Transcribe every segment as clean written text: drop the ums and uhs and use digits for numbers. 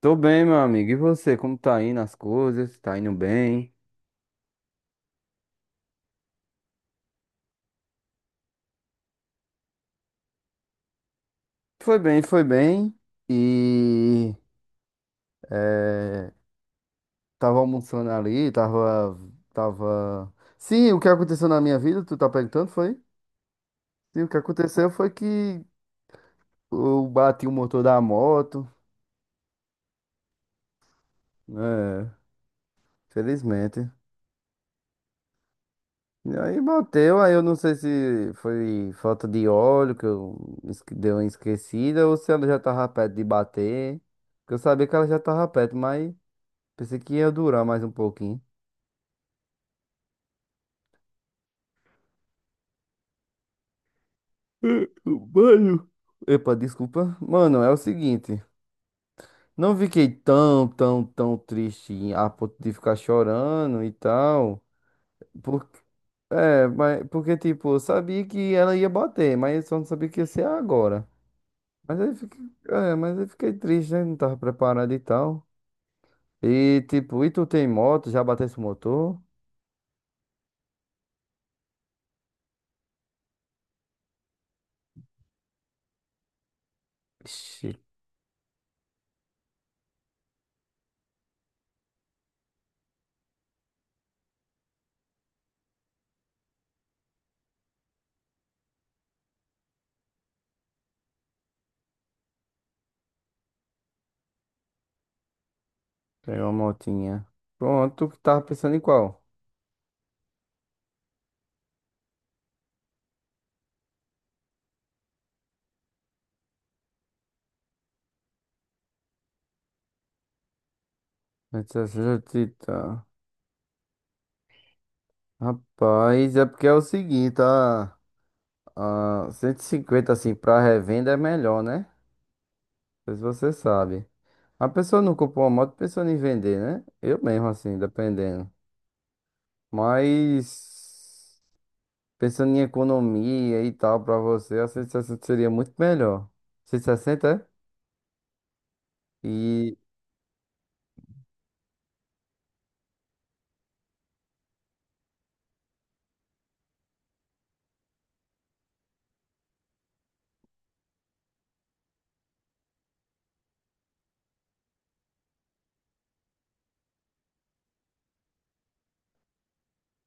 Tô bem, meu amigo. E você, como tá indo as coisas? Tá indo bem? Foi bem, foi bem. E eh, tava almoçando ali, tava. Sim, o que aconteceu na minha vida, tu tá perguntando, foi? Sim, o que aconteceu foi que eu bati o motor da moto, né? Felizmente. E aí bateu, aí eu não sei se foi falta de óleo que eu deu uma esquecida ou se ela já tava perto de bater. Porque eu sabia que ela já tava perto, mas. Pensei que ia durar mais um pouquinho. Mano. Epa, desculpa. Mano, é o seguinte. Não fiquei tão, tão, tão triste a ponto de ficar chorando e tal. Por... É, mas porque, tipo, eu sabia que ela ia bater, mas eu só não sabia que ia ser agora. Mas aí fiquei, é, mas eu fiquei triste, né? Não tava preparado e tal. E, tipo, e tu tem moto? Já bateu esse motor? Ixi, tem uma motinha. Pronto, tu que tava pensando em qual? 760, Rapaz, é porque é o seguinte, a 150 assim pra revenda é melhor, né? Não sei se você sabe. A pessoa não comprou uma moto pensando em vender, né? Eu mesmo assim, dependendo. Mas pensando em economia e tal pra você, a 160 seria muito melhor. 160 é? E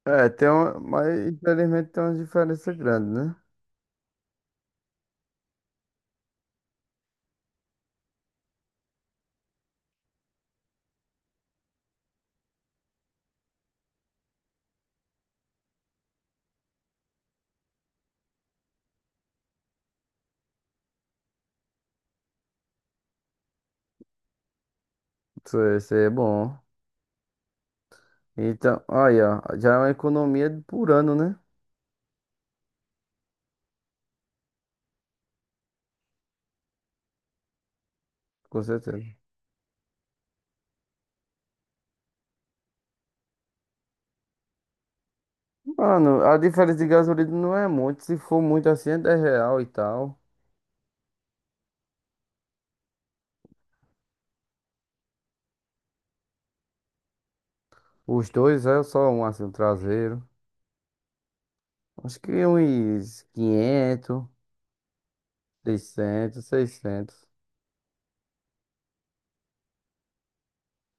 é, tem uma, mas infelizmente tem uma diferença grande, né? Isso é bom. Então, olha, já é uma economia por ano, né? Com certeza. Mano, a diferença de gasolina não é muito. Se for muito assim, é 10 real e tal. Os dois é só um assim, um traseiro. Acho que uns 500, 600, seiscentos.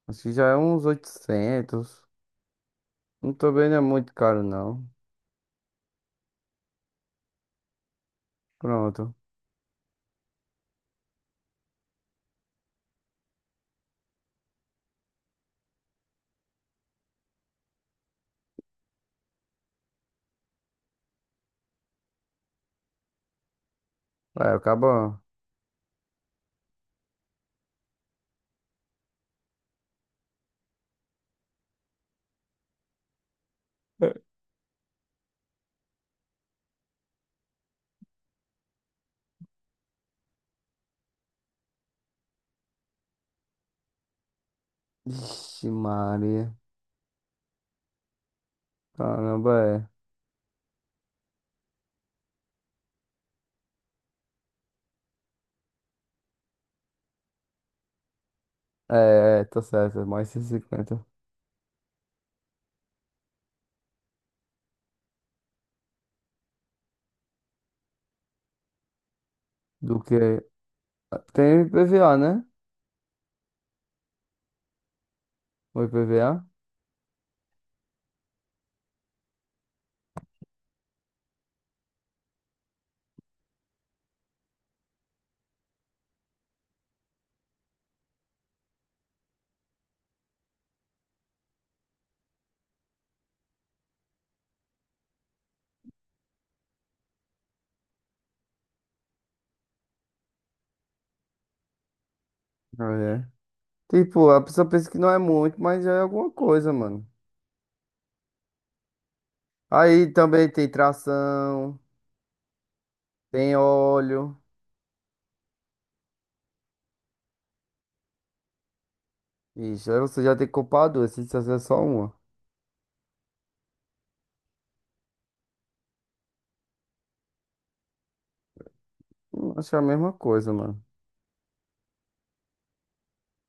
Acho que já é uns 800. Não, também não é muito caro, não. Pronto. É, acabou. Ixi, Maria. Caramba, é. É, é, tá certo. É mais 150 do que. Ah, tem IPVA, né? O IPVA? É. Tipo, a pessoa pensa que não é muito, mas já é alguma coisa, mano. Aí também tem tração, tem óleo. Ixi, aí você já tem que comprar duas, se você é só uma. Acho que é a mesma coisa, mano.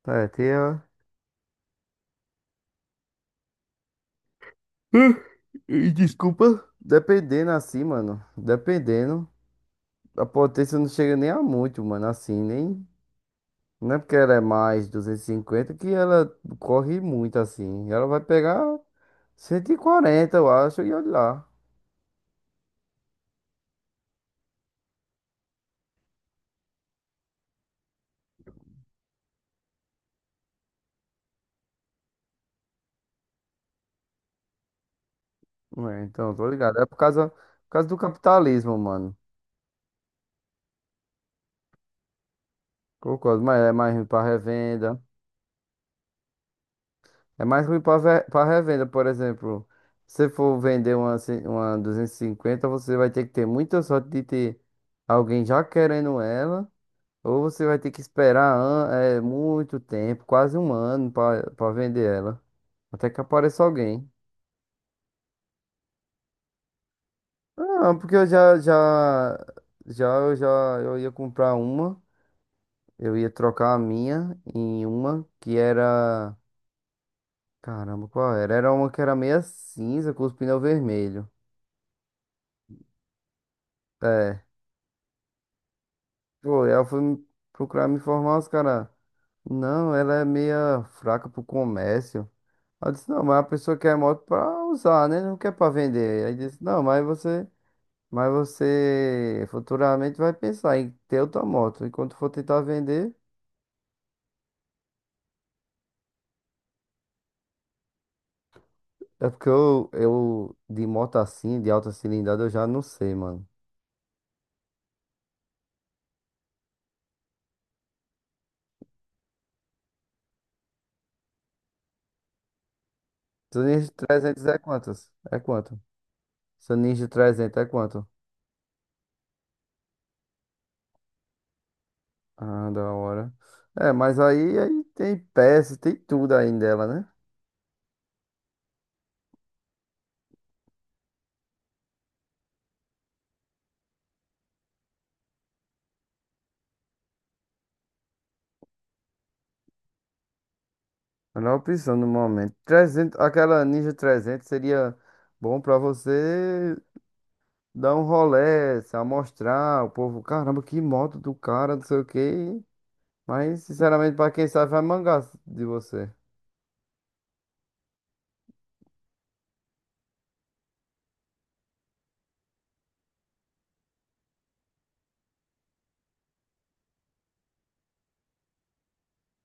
É, tem a... Pô, dependendo assim, mano. Dependendo. A potência não chega nem a muito, mano. Assim, nem... Não é porque ela é mais 250 que ela corre muito, assim. Ela vai pegar 140, eu acho, e olha lá. É, então, tô ligado. É por causa... Por causa do capitalismo, mano. Concordo, mas é mais ruim para revenda. É mais ruim para revenda, por exemplo. Se você for vender uma 250, você vai ter que ter muita sorte de ter alguém já querendo ela, ou você vai ter que esperar muito tempo, quase um ano, para vender ela. Até que apareça alguém. Ah, porque eu já, já, já, eu ia comprar uma, eu ia trocar a minha em uma que era. Caramba, qual era? Era uma que era meia cinza com os pneus vermelhos. É. Pô, aí eu fui procurar me informar, os caras. Não, ela é meia fraca pro comércio. Aí eu disse, não, mas a pessoa quer moto pra usar, né? Não quer pra vender. Aí disse, não, mas você. Mas você futuramente vai pensar em ter outra moto. E quando for tentar vender. É porque eu de moto assim, de alta cilindrada, eu já não sei, mano. Seu Ninja 300 é quantas? É quanto? Seu Ninja 300 é quanto? Ah, da hora. É, mas aí tem peça, tem tudo aí dela, né? Melhor opção no momento. 300, aquela Ninja 300 seria bom pra você dar um rolê, se amostrar, o povo, caramba, que moto do cara, não sei o quê. Mas, sinceramente, pra quem sabe, vai mangar de você.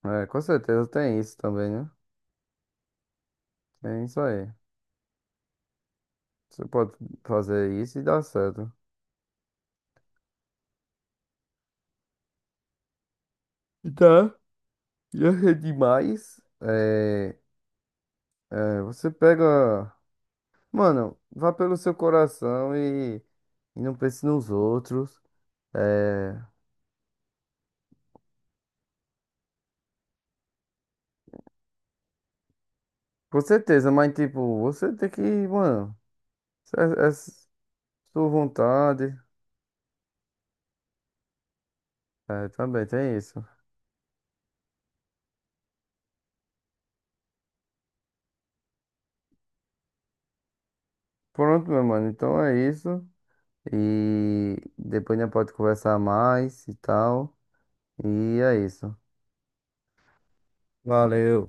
É, com certeza tem isso também, né? Tem isso aí. Você pode fazer isso e dá certo. E tá. E é demais. É, é, você pega. Mano, vá pelo seu coração e, não pense nos outros. É, com certeza, mas tipo, você tem que, mano, é sua vontade. É, também tem isso. Pronto, meu mano, então é isso. E depois a gente pode conversar mais e tal. E é isso. Valeu.